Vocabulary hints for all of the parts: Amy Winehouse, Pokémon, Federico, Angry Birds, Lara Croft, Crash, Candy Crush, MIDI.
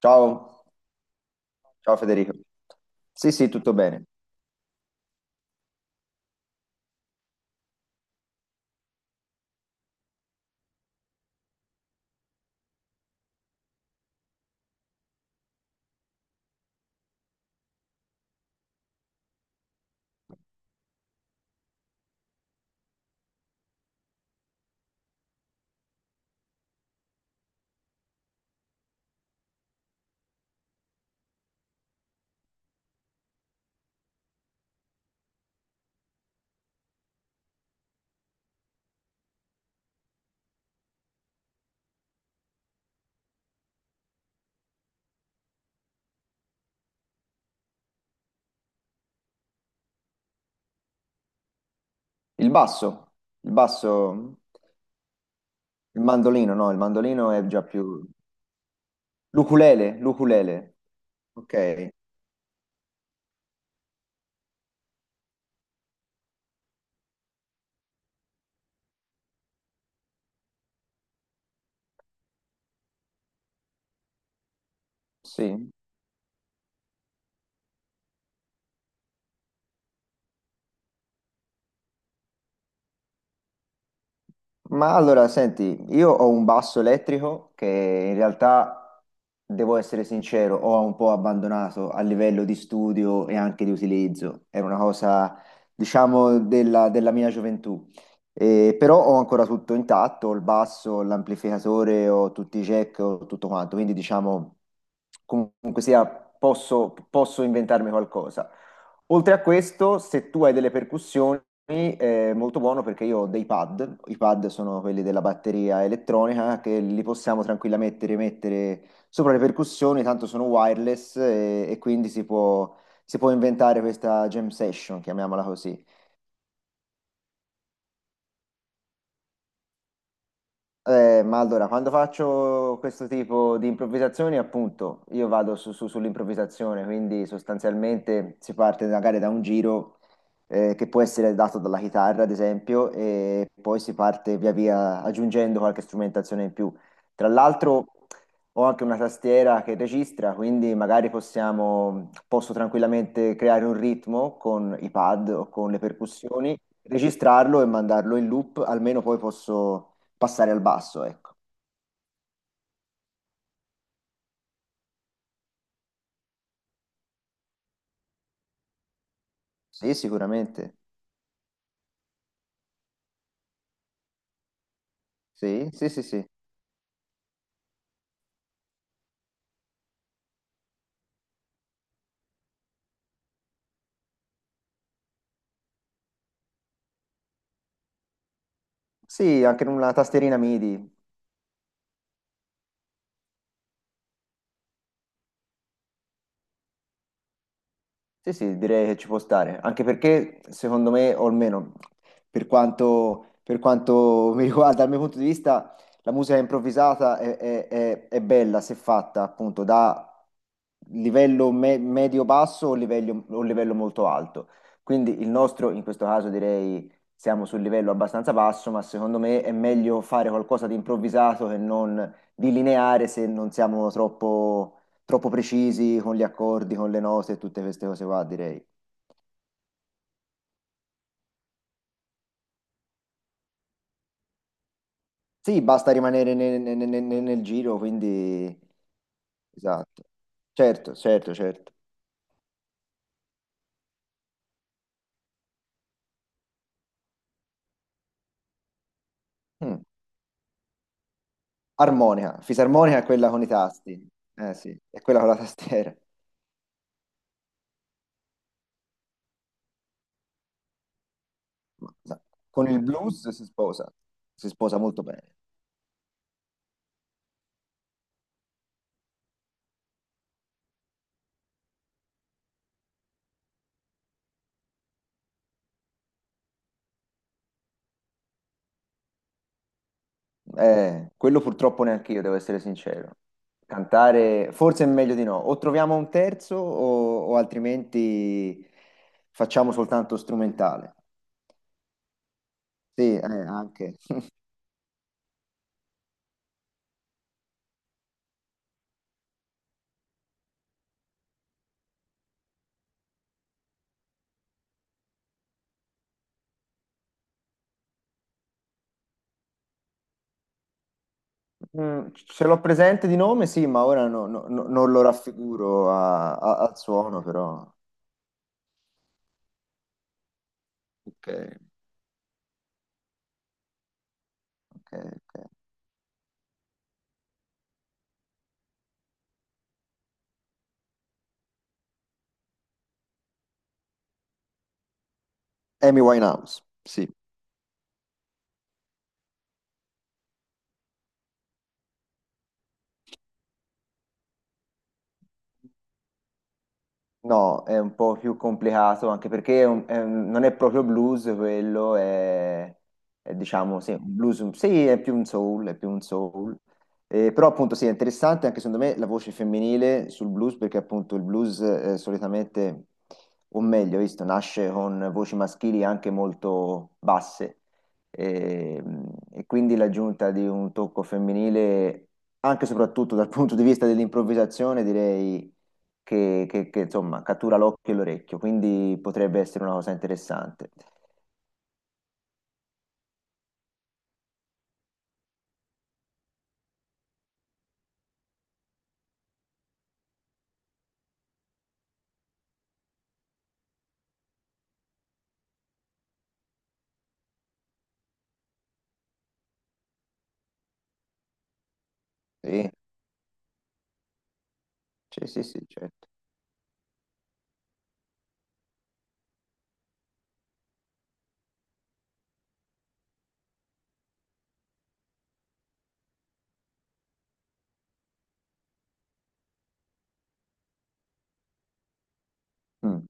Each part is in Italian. Ciao, ciao Federico. Sì, sì, tutto bene. Il basso, il basso, il mandolino, no, il mandolino è già più... L'ukulele, l'ukulele. Ok, sì. Ma allora, senti, io ho un basso elettrico che in realtà, devo essere sincero, ho un po' abbandonato a livello di studio e anche di utilizzo. Era una cosa, diciamo, della mia gioventù. Però ho ancora tutto intatto, ho il basso, l'amplificatore, ho tutti i jack, ho tutto quanto. Quindi, diciamo, comunque sia, posso inventarmi qualcosa. Oltre a questo, se tu hai delle percussioni, è molto buono perché io ho dei pad. I pad sono quelli della batteria elettronica che li possiamo tranquillamente rimettere sopra le percussioni, tanto sono wireless e quindi si può inventare questa jam session, chiamiamola così. Ma allora, quando faccio questo tipo di improvvisazioni, appunto, io vado sull'improvvisazione, quindi sostanzialmente si parte magari da un giro, che può essere dato dalla chitarra, ad esempio, e poi si parte via via aggiungendo qualche strumentazione in più. Tra l'altro, ho anche una tastiera che registra, quindi magari possiamo, posso tranquillamente creare un ritmo con i pad o con le percussioni, registrarlo e mandarlo in loop, almeno poi posso passare al basso, ecco. Sì, sicuramente. Sì, sì, sì, sì. Sì, anche con una tastierina MIDI. Sì, sì, direi che ci può stare, anche perché secondo me, o almeno per quanto mi riguarda, dal mio punto di vista, la musica improvvisata è bella se fatta appunto da livello medio-basso o livello molto alto. Quindi il nostro, in questo caso direi, siamo sul livello abbastanza basso, ma secondo me è meglio fare qualcosa di improvvisato che non di lineare se non siamo troppo precisi con gli accordi, con le note e tutte queste cose qua, direi. Sì, basta rimanere nel giro, quindi... Esatto. Certo, certo, certo. Mm. Armonica, fisarmonica è quella con i tasti. Eh sì, è quella con la tastiera. Ma- ma Con il blues si sposa molto bene. Quello purtroppo neanche io, devo essere sincero. Cantare forse è meglio di no. O troviamo un terzo o altrimenti facciamo soltanto strumentale. Sì, anche. Ce l'ho presente di nome, sì, ma ora non lo raffiguro al suono, però. Ok, ok, ok. Amy Winehouse, sì. No, è un po' più complicato anche perché non è proprio blues quello, è, diciamo sì, un blues, sì, è più un soul, è più un soul. Però appunto sì, è interessante anche secondo me la voce femminile sul blues perché appunto il blues solitamente, o meglio, visto, nasce con voci maschili anche molto basse e, e quindi l'aggiunta di un tocco femminile anche e soprattutto dal punto di vista dell'improvvisazione direi che, insomma cattura l'occhio e l'orecchio, quindi potrebbe essere una cosa interessante. Sì, sì, sì, sì, certo. Mm,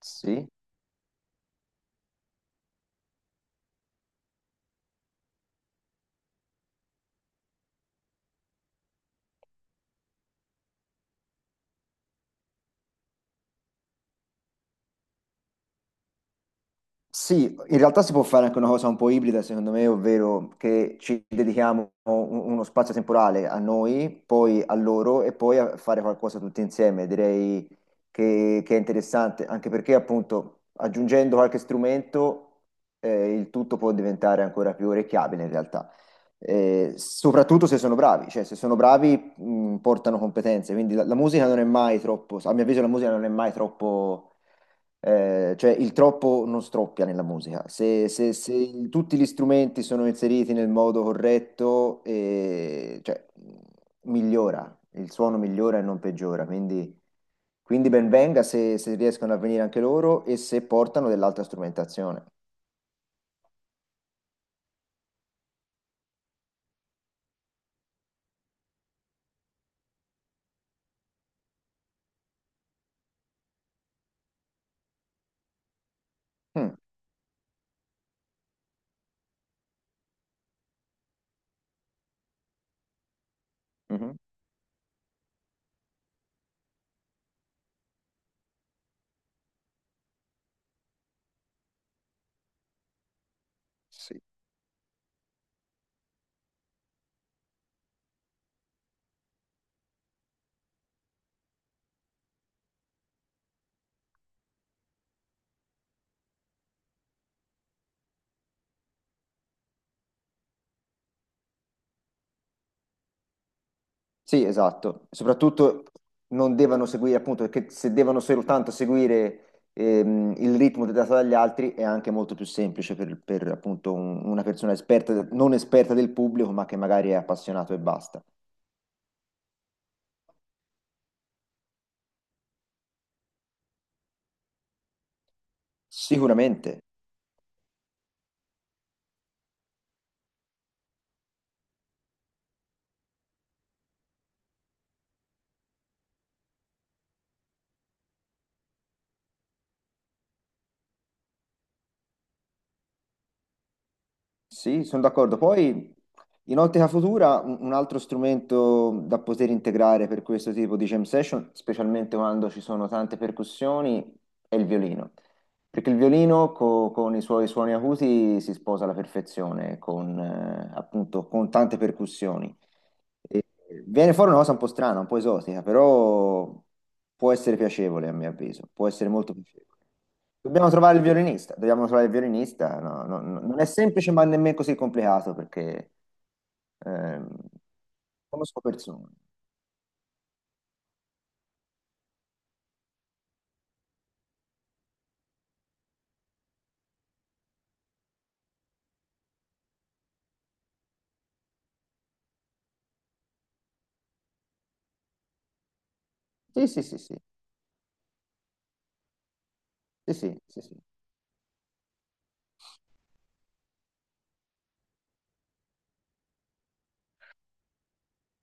sì. Sì, in realtà si può fare anche una cosa un po' ibrida, secondo me, ovvero che ci dedichiamo uno spazio temporale a noi, poi a loro e poi a fare qualcosa tutti insieme. Direi che è interessante, anche perché appunto aggiungendo qualche strumento, il tutto può diventare ancora più orecchiabile in realtà. Soprattutto se sono bravi, cioè se sono bravi, portano competenze, quindi la musica non è mai troppo, a mio avviso la musica non è mai troppo, cioè il troppo non stroppia nella musica. Se tutti gli strumenti sono inseriti nel modo corretto, cioè, migliora, il suono migliora e non peggiora. Quindi ben venga se, se riescono a venire anche loro e se portano dell'altra strumentazione. Mm, mhm. Sì, sì, esatto. Soprattutto non devono seguire, appunto, perché se devono soltanto seguire, il ritmo dato dagli altri è anche molto più semplice per, appunto, una persona esperta, non esperta del pubblico, ma che magari è appassionato e basta. Sicuramente. Sì, sono d'accordo. Poi in ottica futura un altro strumento da poter integrare per questo tipo di jam session, specialmente quando ci sono tante percussioni, è il violino. Perché il violino con i suoi suoni acuti si sposa alla perfezione, con, appunto, con tante percussioni. E- Viene fuori una cosa un po' strana, un po' esotica, però può essere piacevole a mio avviso, può essere molto piacevole. Dobbiamo trovare il violinista, dobbiamo trovare il violinista, no, no, no, non è semplice ma nemmeno così complicato perché ehm, conosco persone. Sì, sì, sì, sì, sì, sì, sì, sì.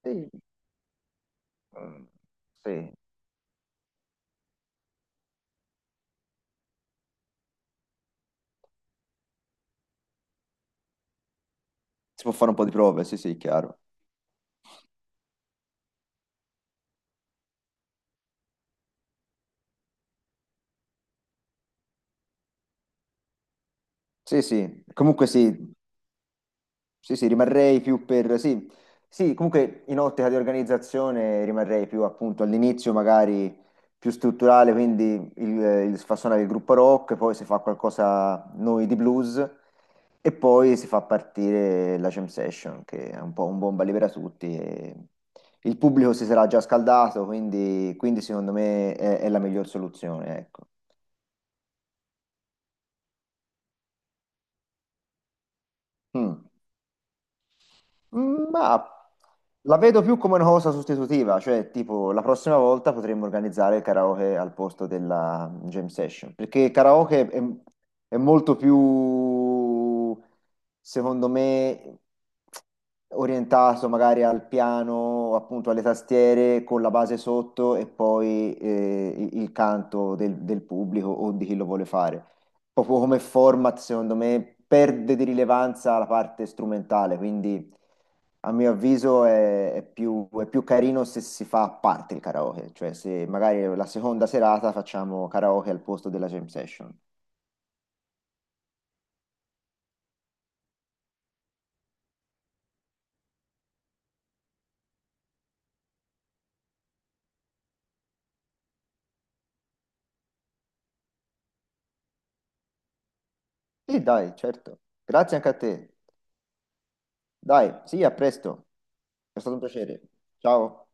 Sì. Mm, sì. Si può fare un po' di prove, sì, sì, chiaro. Sì, sì, comunque sì, sì, sì, rimarrei più per... Sì, sì, comunque in ottica di organizzazione rimarrei più appunto all'inizio magari più strutturale, quindi il si fa suonare il gruppo rock, poi si fa qualcosa noi di blues e poi si fa partire la jam session che è un po' un bomba libera tutti. E il pubblico si sarà già scaldato, quindi, quindi secondo me è la miglior soluzione, ecco. Mm. Ma la vedo più come una cosa sostitutiva, cioè tipo la prossima volta potremmo organizzare il karaoke al posto della jam session, perché il karaoke è molto più, secondo me, orientato magari al piano, appunto alle tastiere, con la base sotto e poi il canto del pubblico o di chi lo vuole fare. Proprio come format, secondo me, perde di rilevanza la parte strumentale, quindi... A mio avviso è più carino se si fa a parte il karaoke, cioè se magari la seconda serata facciamo karaoke al posto della jam session. Sì, dai, certo. Grazie anche a te. Dai, sì, a presto. È stato un piacere. Ciao.